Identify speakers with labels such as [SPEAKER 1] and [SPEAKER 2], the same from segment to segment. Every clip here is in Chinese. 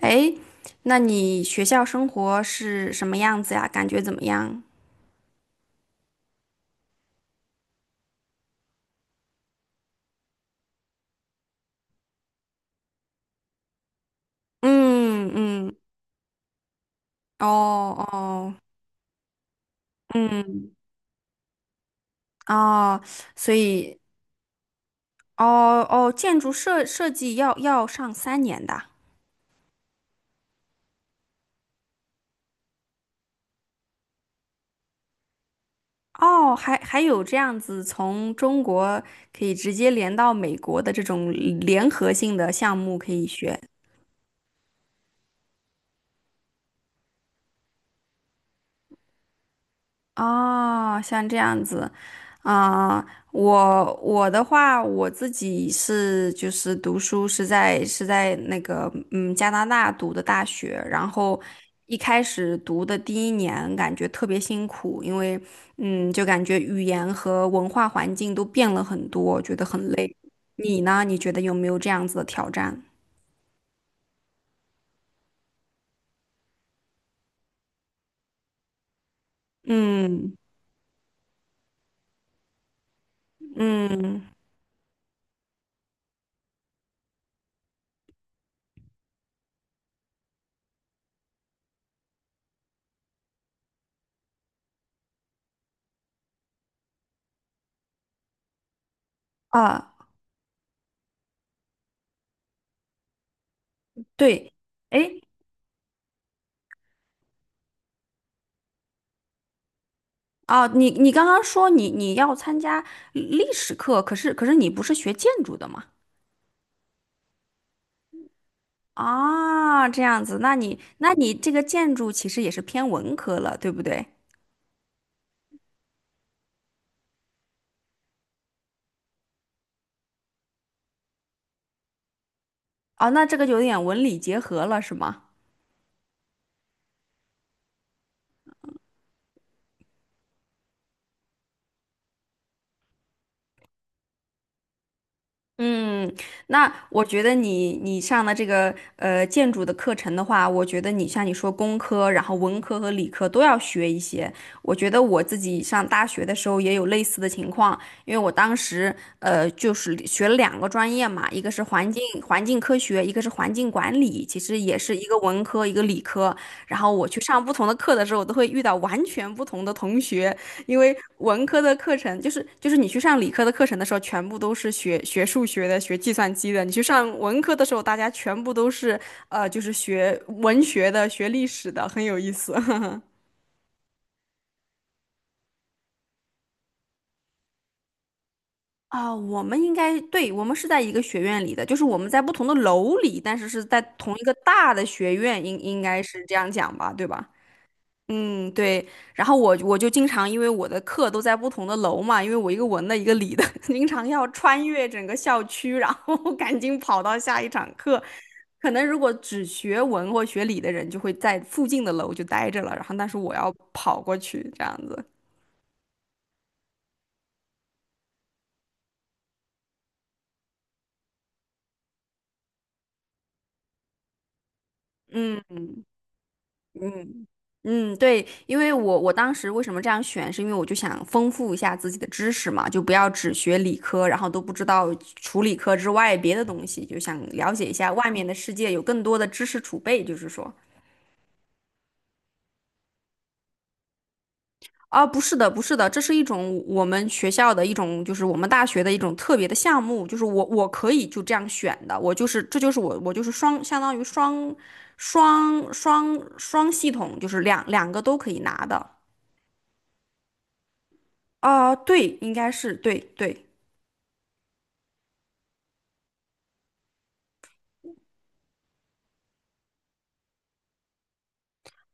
[SPEAKER 1] 诶，那你学校生活是什么样子呀？感觉怎么样？嗯嗯，哦哦，嗯哦，所以哦哦，建筑设计要上三年的。哦，还有这样子从中国可以直接连到美国的这种联合性的项目可以学哦，像这样子，啊、我的话，我自己是就是读书是在是在那个加拿大读的大学，然后一开始读的第一年感觉特别辛苦，因为嗯就感觉语言和文化环境都变了很多，觉得很累。你呢？你觉得有没有这样子的挑战？嗯嗯啊，对，哎，哦，你刚刚说你要参加历史课，可是你不是学建筑的吗？啊，这样子，那你这个建筑其实也是偏文科了，对不对？哦，那这个有点文理结合了，是吗？嗯，那我觉得你上的这个建筑的课程的话，我觉得你像你说工科，然后文科和理科都要学一些。我觉得我自己上大学的时候也有类似的情况，因为我当时就是学了两个专业嘛，一个是环境科学，一个是环境管理，其实也是一个文科一个理科。然后我去上不同的课的时候，我都会遇到完全不同的同学，因为文科的课程就是你去上理科的课程的时候，全部都是学数学的、学计算机的；你去上文科的时候，大家全部都是就是学文学的、学历史的，很有意思。我们应该对，我们是在一个学院里的，就是我们在不同的楼里，但是是在同一个大的学院，应该是这样讲吧，对吧？嗯，对。然后我就经常因为我的课都在不同的楼嘛，因为我一个文的，一个理的，经常要穿越整个校区，然后 赶紧跑到下一场课。可能如果只学文或学理的人，就会在附近的楼就待着了，然后但是我要跑过去这样子。嗯。嗯嗯，对，因为我当时为什么这样选，是因为我就想丰富一下自己的知识嘛，就不要只学理科，然后都不知道除理科之外别的东西，就想了解一下外面的世界，有更多的知识储备，就是说。啊，不是的，不是的，这是一种我们学校的一种，就是我们大学的一种特别的项目，就是我可以就这样选的，我就是这就是我就是双相当于双双系统，就是两个都可以拿的。对，应该是对对，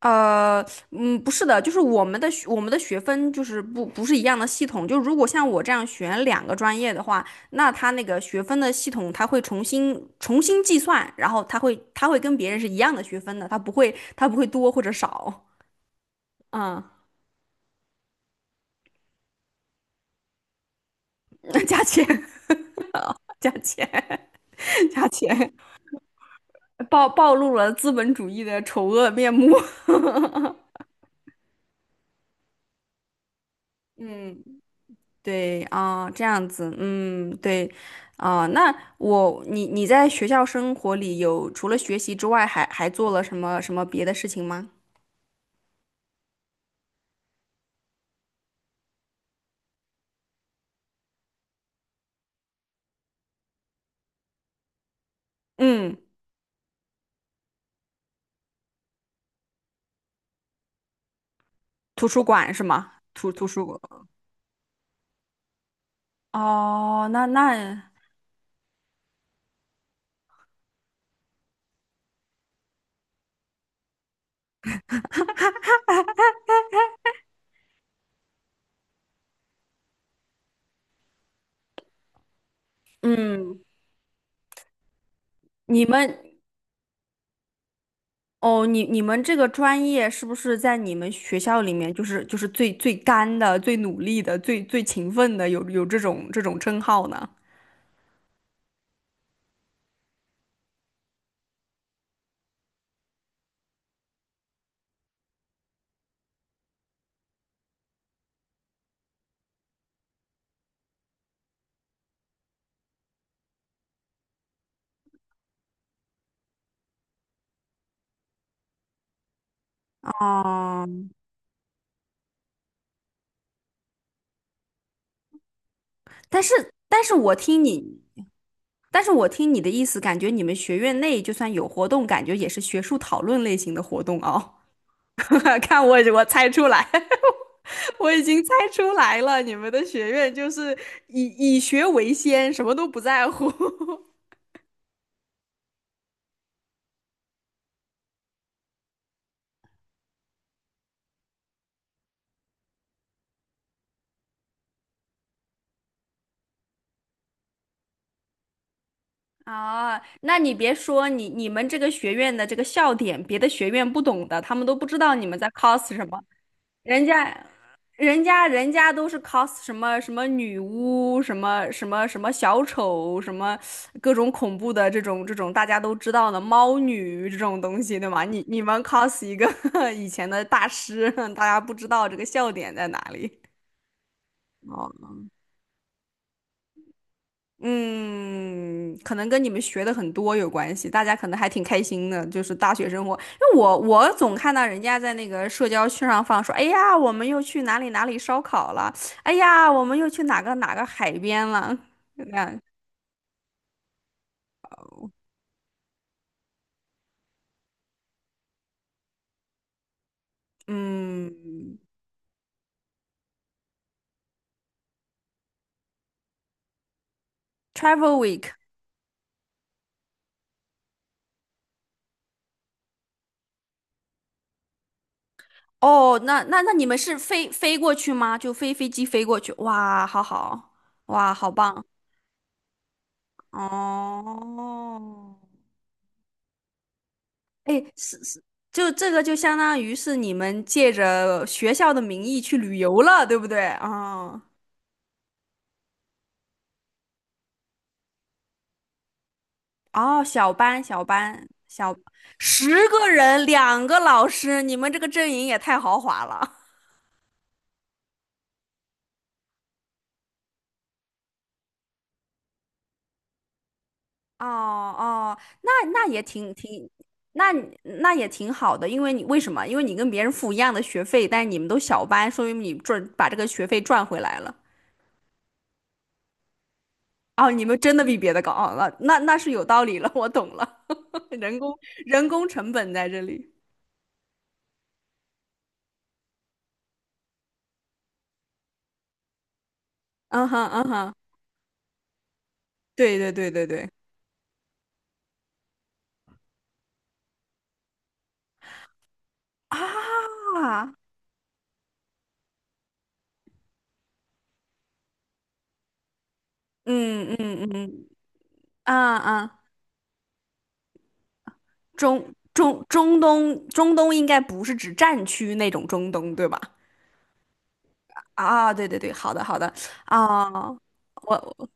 [SPEAKER 1] 呃，嗯，不是的，就是我们的学我们的学分就是不是一样的系统，就如果像我这样选两个专业的话，那他那个学分的系统他会重新计算，然后他会跟别人是一样的学分的，他不会多或者少，嗯，加钱 加钱 加钱，暴露了资本主义的丑恶面目，嗯。对啊，这样子，嗯，对，啊，那我你你在学校生活里有除了学习之外还，还做了什么什么别的事情吗？嗯，图书馆是吗？图书馆。哦，那那你们哦，你你们这个专业是不是在你们学校里面就是最干的、最努力的、最勤奋的，有这种这种称号呢？哦，但是但是我听你。但是我听你的意思，感觉你们学院内就算有活动，感觉也是学术讨论类型的活动哦。看我，我猜出来，我已经猜出来了，你们的学院就是以学为先，什么都不在乎。啊，那你别说，你你们这个学院的这个笑点，别的学院不懂的，他们都不知道你们在 cos 什么。人家，人家，人家都是 cos 什么什么女巫，什么什么什么小丑，什么各种恐怖的这种这种大家都知道的猫女这种东西，对吗？你你们 cos 一个 以前的大师，大家不知道这个笑点在哪里。哦。嗯，可能跟你们学的很多有关系，大家可能还挺开心的，就是大学生活。因为我总看到人家在那个社交圈上放说，哎呀，我们又去哪里哪里烧烤了，哎呀，我们又去哪个哪个海边了，就那样。嗯，Travel Week，哦，那那那你们是飞过去吗？就飞机飞过去？哇，好好，哇，好棒，哦。哎，是是，就这个就相当于是你们借着学校的名义去旅游了，对不对？啊，哦，小班小，十个人，两个老师，你们这个阵营也太豪华了。哦哦，那那也挺挺，那你那也挺好的，因为你为什么？因为你跟别人付一样的学费，但是你们都小班，说明你赚把这个学费赚回来了。哦，你们真的比别的高，哦，那那那是有道理了，我懂了。人工人工成本在这里。嗯哼，嗯哼，对对对对对啊，嗯嗯嗯啊啊，中东应该不是指战区那种中东，对吧？啊，对对对，好的好的啊，我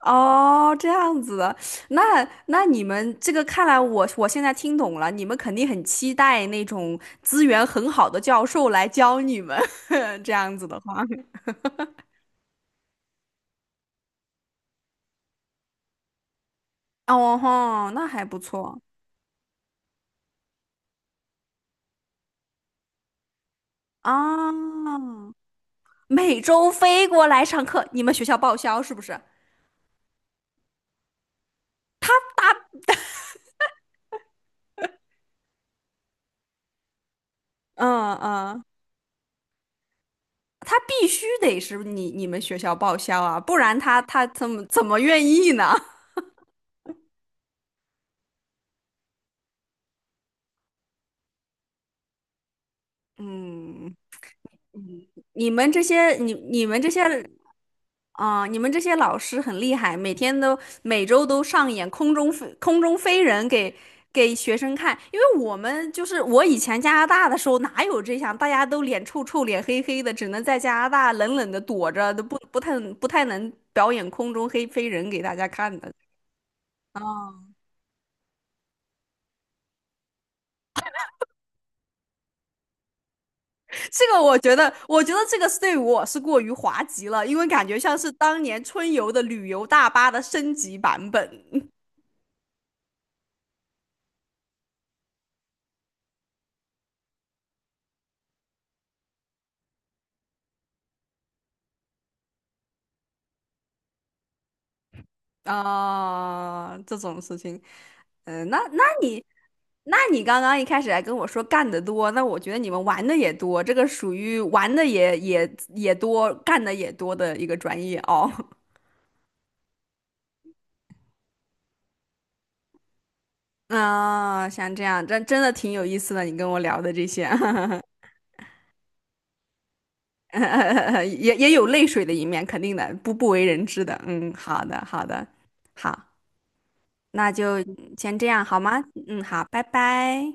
[SPEAKER 1] 哦这样子的，那那你们这个看来我现在听懂了，你们肯定很期待那种资源很好的教授来教你们 这样子的话。哦吼，那还不错啊！每周飞过来上课，你们学校报销是不是？嗯嗯，他必须得是你们学校报销啊，不然他他怎么愿意呢？嗯，你们这些你你们这些啊，你们这些老师很厉害，每天都每周都上演空中飞人给给学生看。因为我们就是我以前加拿大的时候哪有这样，大家都脸臭臭、脸黑黑的，只能在加拿大冷冷的躲着，都不太能表演空中黑飞人给大家看的。啊，这个我觉得，我觉得这个是对我是过于滑稽了，因为感觉像是当年春游的旅游大巴的升级版本。啊，这种事情，嗯、那那你，那你刚刚一开始还跟我说干得多，那我觉得你们玩的也多，这个属于玩的也也多，干的也多的一个专业哦。啊，像这样，真的挺有意思的，你跟我聊的这些，也也有泪水的一面，肯定的，不不为人知的。嗯，好的，好的，好，那就先这样好吗？嗯，好，拜拜。